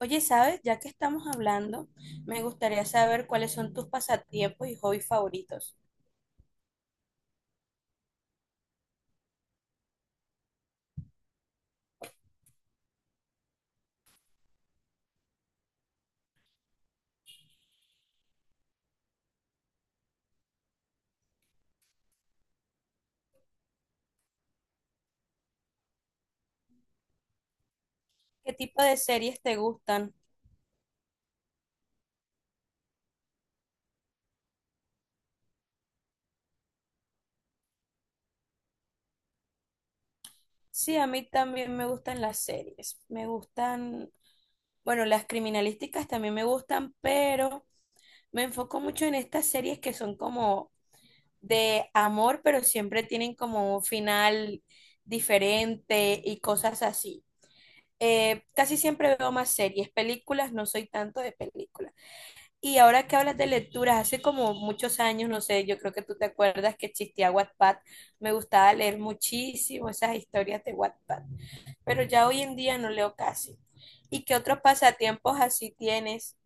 Oye, ¿sabes? Ya que estamos hablando, me gustaría saber cuáles son tus pasatiempos y hobbies favoritos. ¿Qué tipo de series te gustan? Sí, a mí también me gustan las series. Me gustan, bueno, las criminalísticas también me gustan, pero me enfoco mucho en estas series que son como de amor, pero siempre tienen como un final diferente y cosas así. Casi siempre veo más series, películas, no soy tanto de películas. Y ahora que hablas de lecturas, hace como muchos años, no sé, yo creo que tú te acuerdas que existía Wattpad. Me gustaba leer muchísimo esas historias de Wattpad, pero ya hoy en día no leo casi. ¿Y qué otros pasatiempos así tienes?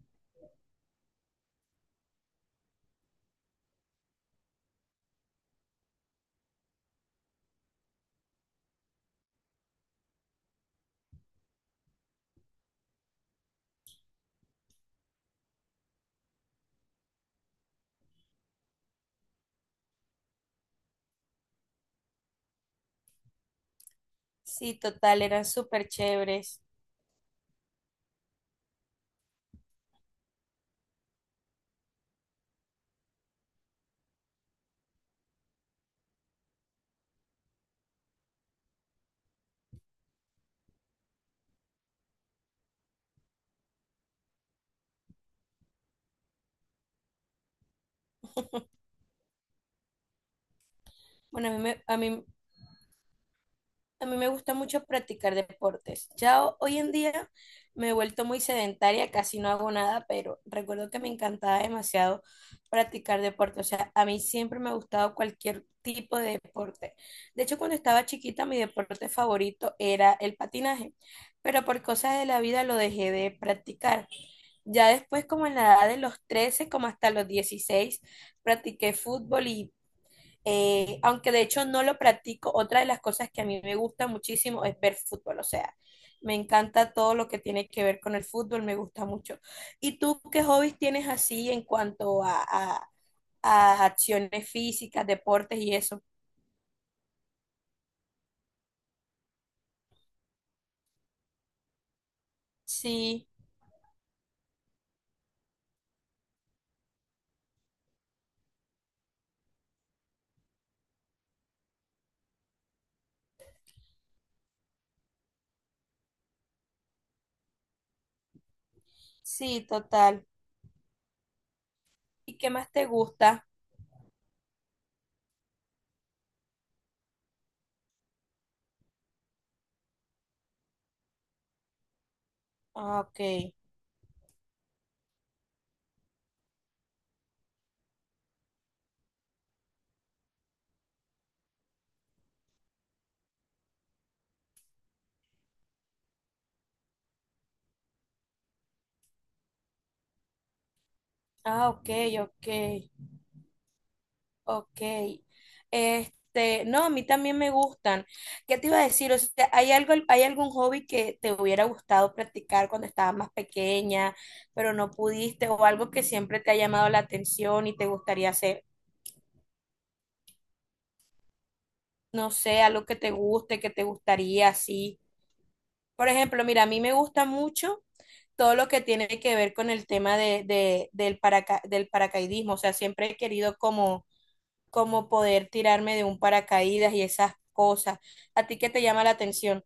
Sí, total, eran súper chéveres. Bueno, a mí me gusta mucho practicar deportes. Hoy en día me he vuelto muy sedentaria, casi no hago nada, pero recuerdo que me encantaba demasiado practicar deporte. O sea, a mí siempre me ha gustado cualquier tipo de deporte. De hecho, cuando estaba chiquita, mi deporte favorito era el patinaje, pero por cosas de la vida lo dejé de practicar. Ya después, como en la edad de los 13 como hasta los 16 practiqué fútbol y aunque de hecho no lo practico, otra de las cosas que a mí me gusta muchísimo es ver fútbol, o sea, me encanta todo lo que tiene que ver con el fútbol, me gusta mucho. ¿Y tú qué hobbies tienes así en cuanto a, a acciones físicas, deportes y eso? Sí, sí, total. ¿Y qué más te gusta? Ah, ok. Ah, ok, ok. Ok. Este, no, a mí también me gustan. ¿Qué te iba a decir? O sea, ¿hay algo, hay algún hobby que te hubiera gustado practicar cuando estabas más pequeña, pero no pudiste, o algo que siempre te ha llamado la atención y te gustaría hacer? No sé, algo que te guste, que te gustaría, así. Por ejemplo, mira, a mí me gusta mucho todo lo que tiene que ver con el tema de, del del paracaidismo. O sea, siempre he querido como poder tirarme de un paracaídas y esas cosas. ¿A ti qué te llama la atención?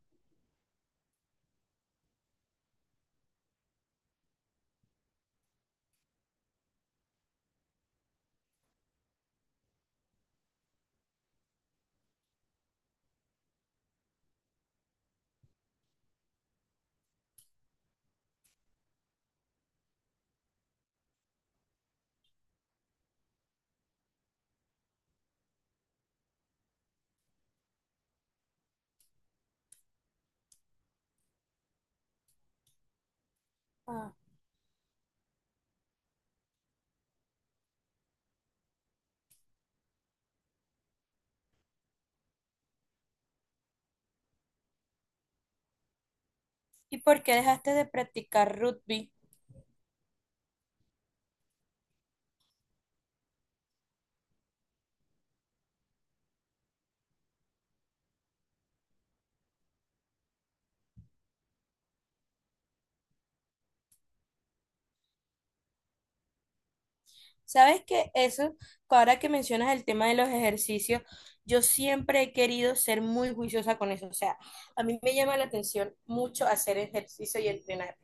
Ah. ¿Y por qué dejaste de practicar rugby? ¿Sabes qué? Eso, ahora que mencionas el tema de los ejercicios, yo siempre he querido ser muy juiciosa con eso. O sea, a mí me llama la atención mucho hacer ejercicio y entrenar.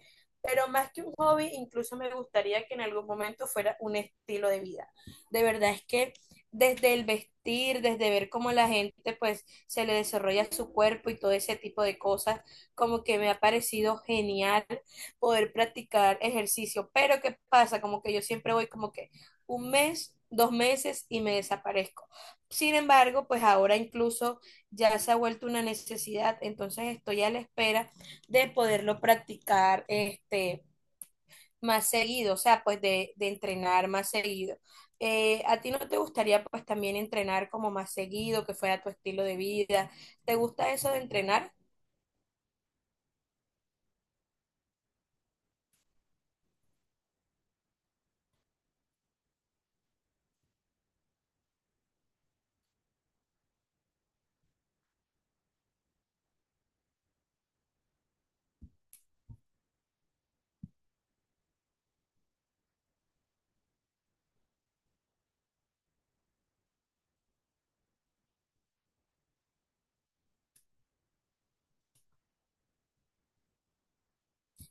Pero más que un hobby, incluso me gustaría que en algún momento fuera un estilo de vida. De verdad es que desde el vestir, desde ver cómo la gente pues se le desarrolla su cuerpo y todo ese tipo de cosas, como que me ha parecido genial poder practicar ejercicio. Pero ¿qué pasa? Como que yo siempre voy como que un mes, dos meses y me desaparezco. Sin embargo, pues ahora incluso ya se ha vuelto una necesidad, entonces estoy a la espera de poderlo practicar este, más seguido, o sea, pues de entrenar más seguido. ¿A ti no te gustaría pues también entrenar como más seguido, que fuera tu estilo de vida? ¿Te gusta eso de entrenar?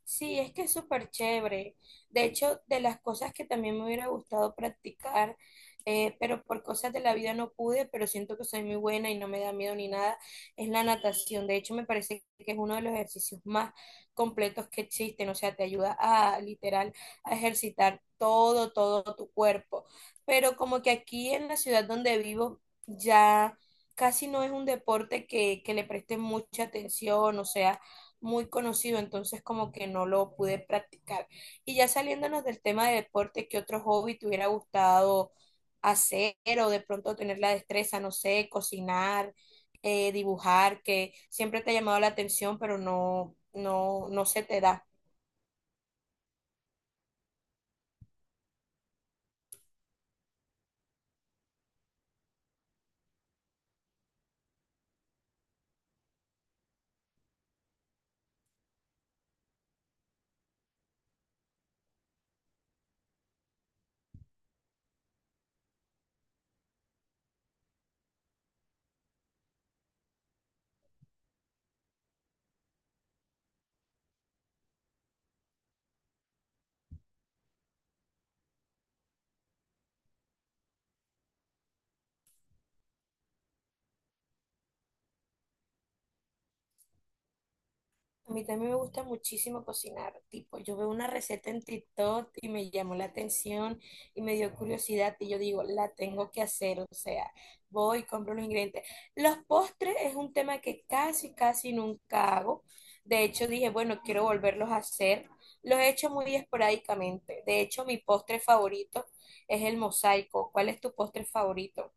Sí, es que es súper chévere. De hecho, de las cosas que también me hubiera gustado practicar, pero por cosas de la vida no pude, pero siento que soy muy buena y no me da miedo ni nada, es la natación. De hecho, me parece que es uno de los ejercicios más completos que existen. O sea, te ayuda a literal a ejercitar todo tu cuerpo. Pero como que aquí en la ciudad donde vivo ya... Casi no es un deporte que le preste mucha atención, o sea, muy conocido, entonces como que no lo pude practicar. Y ya saliéndonos del tema de deporte, ¿qué otro hobby te hubiera gustado hacer o de pronto tener la destreza, no sé, cocinar, dibujar, que siempre te ha llamado la atención, pero no se te da? A mí también me gusta muchísimo cocinar, tipo, yo veo una receta en TikTok y me llamó la atención y me dio curiosidad y yo digo, la tengo que hacer, o sea, voy, compro los ingredientes. Los postres es un tema que casi nunca hago. De hecho, dije, bueno, quiero volverlos a hacer. Los he hecho muy esporádicamente. De hecho, mi postre favorito es el mosaico. ¿Cuál es tu postre favorito?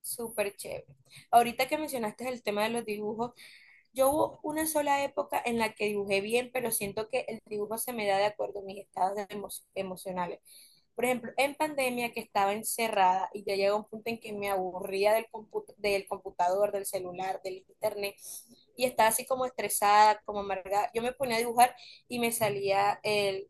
Súper chévere. Ahorita que mencionaste el tema de los dibujos, yo hubo una sola época en la que dibujé bien, pero siento que el dibujo se me da de acuerdo a mis estados de emocionales. Por ejemplo, en pandemia que estaba encerrada y ya llegó un punto en que me aburría del del computador, del celular, del internet y estaba así como estresada, como amargada. Yo me ponía a dibujar y me salía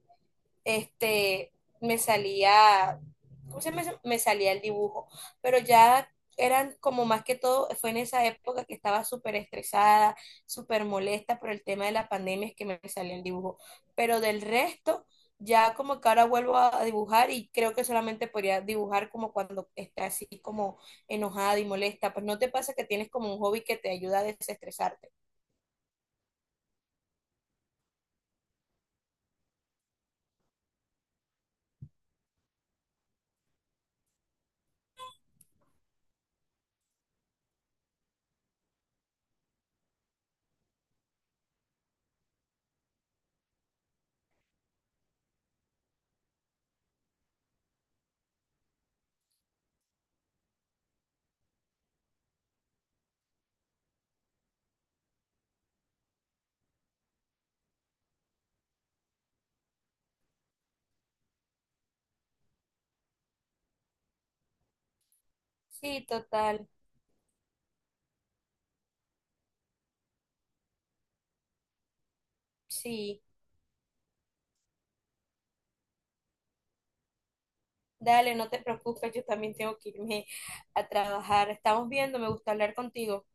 este, me salía, ¿cómo se llama eso? Me salía el dibujo, pero ya eran como más que todo, fue en esa época que estaba súper estresada, súper molesta por el tema de la pandemia, es que me salía el dibujo, pero del resto, ya como que ahora vuelvo a dibujar y creo que solamente podría dibujar como cuando está así como enojada y molesta, pues no te pasa que tienes como un hobby que te ayuda a desestresarte. Sí, total, sí. Dale, no te preocupes, yo también tengo que irme a trabajar. Estamos viendo, me gusta hablar contigo.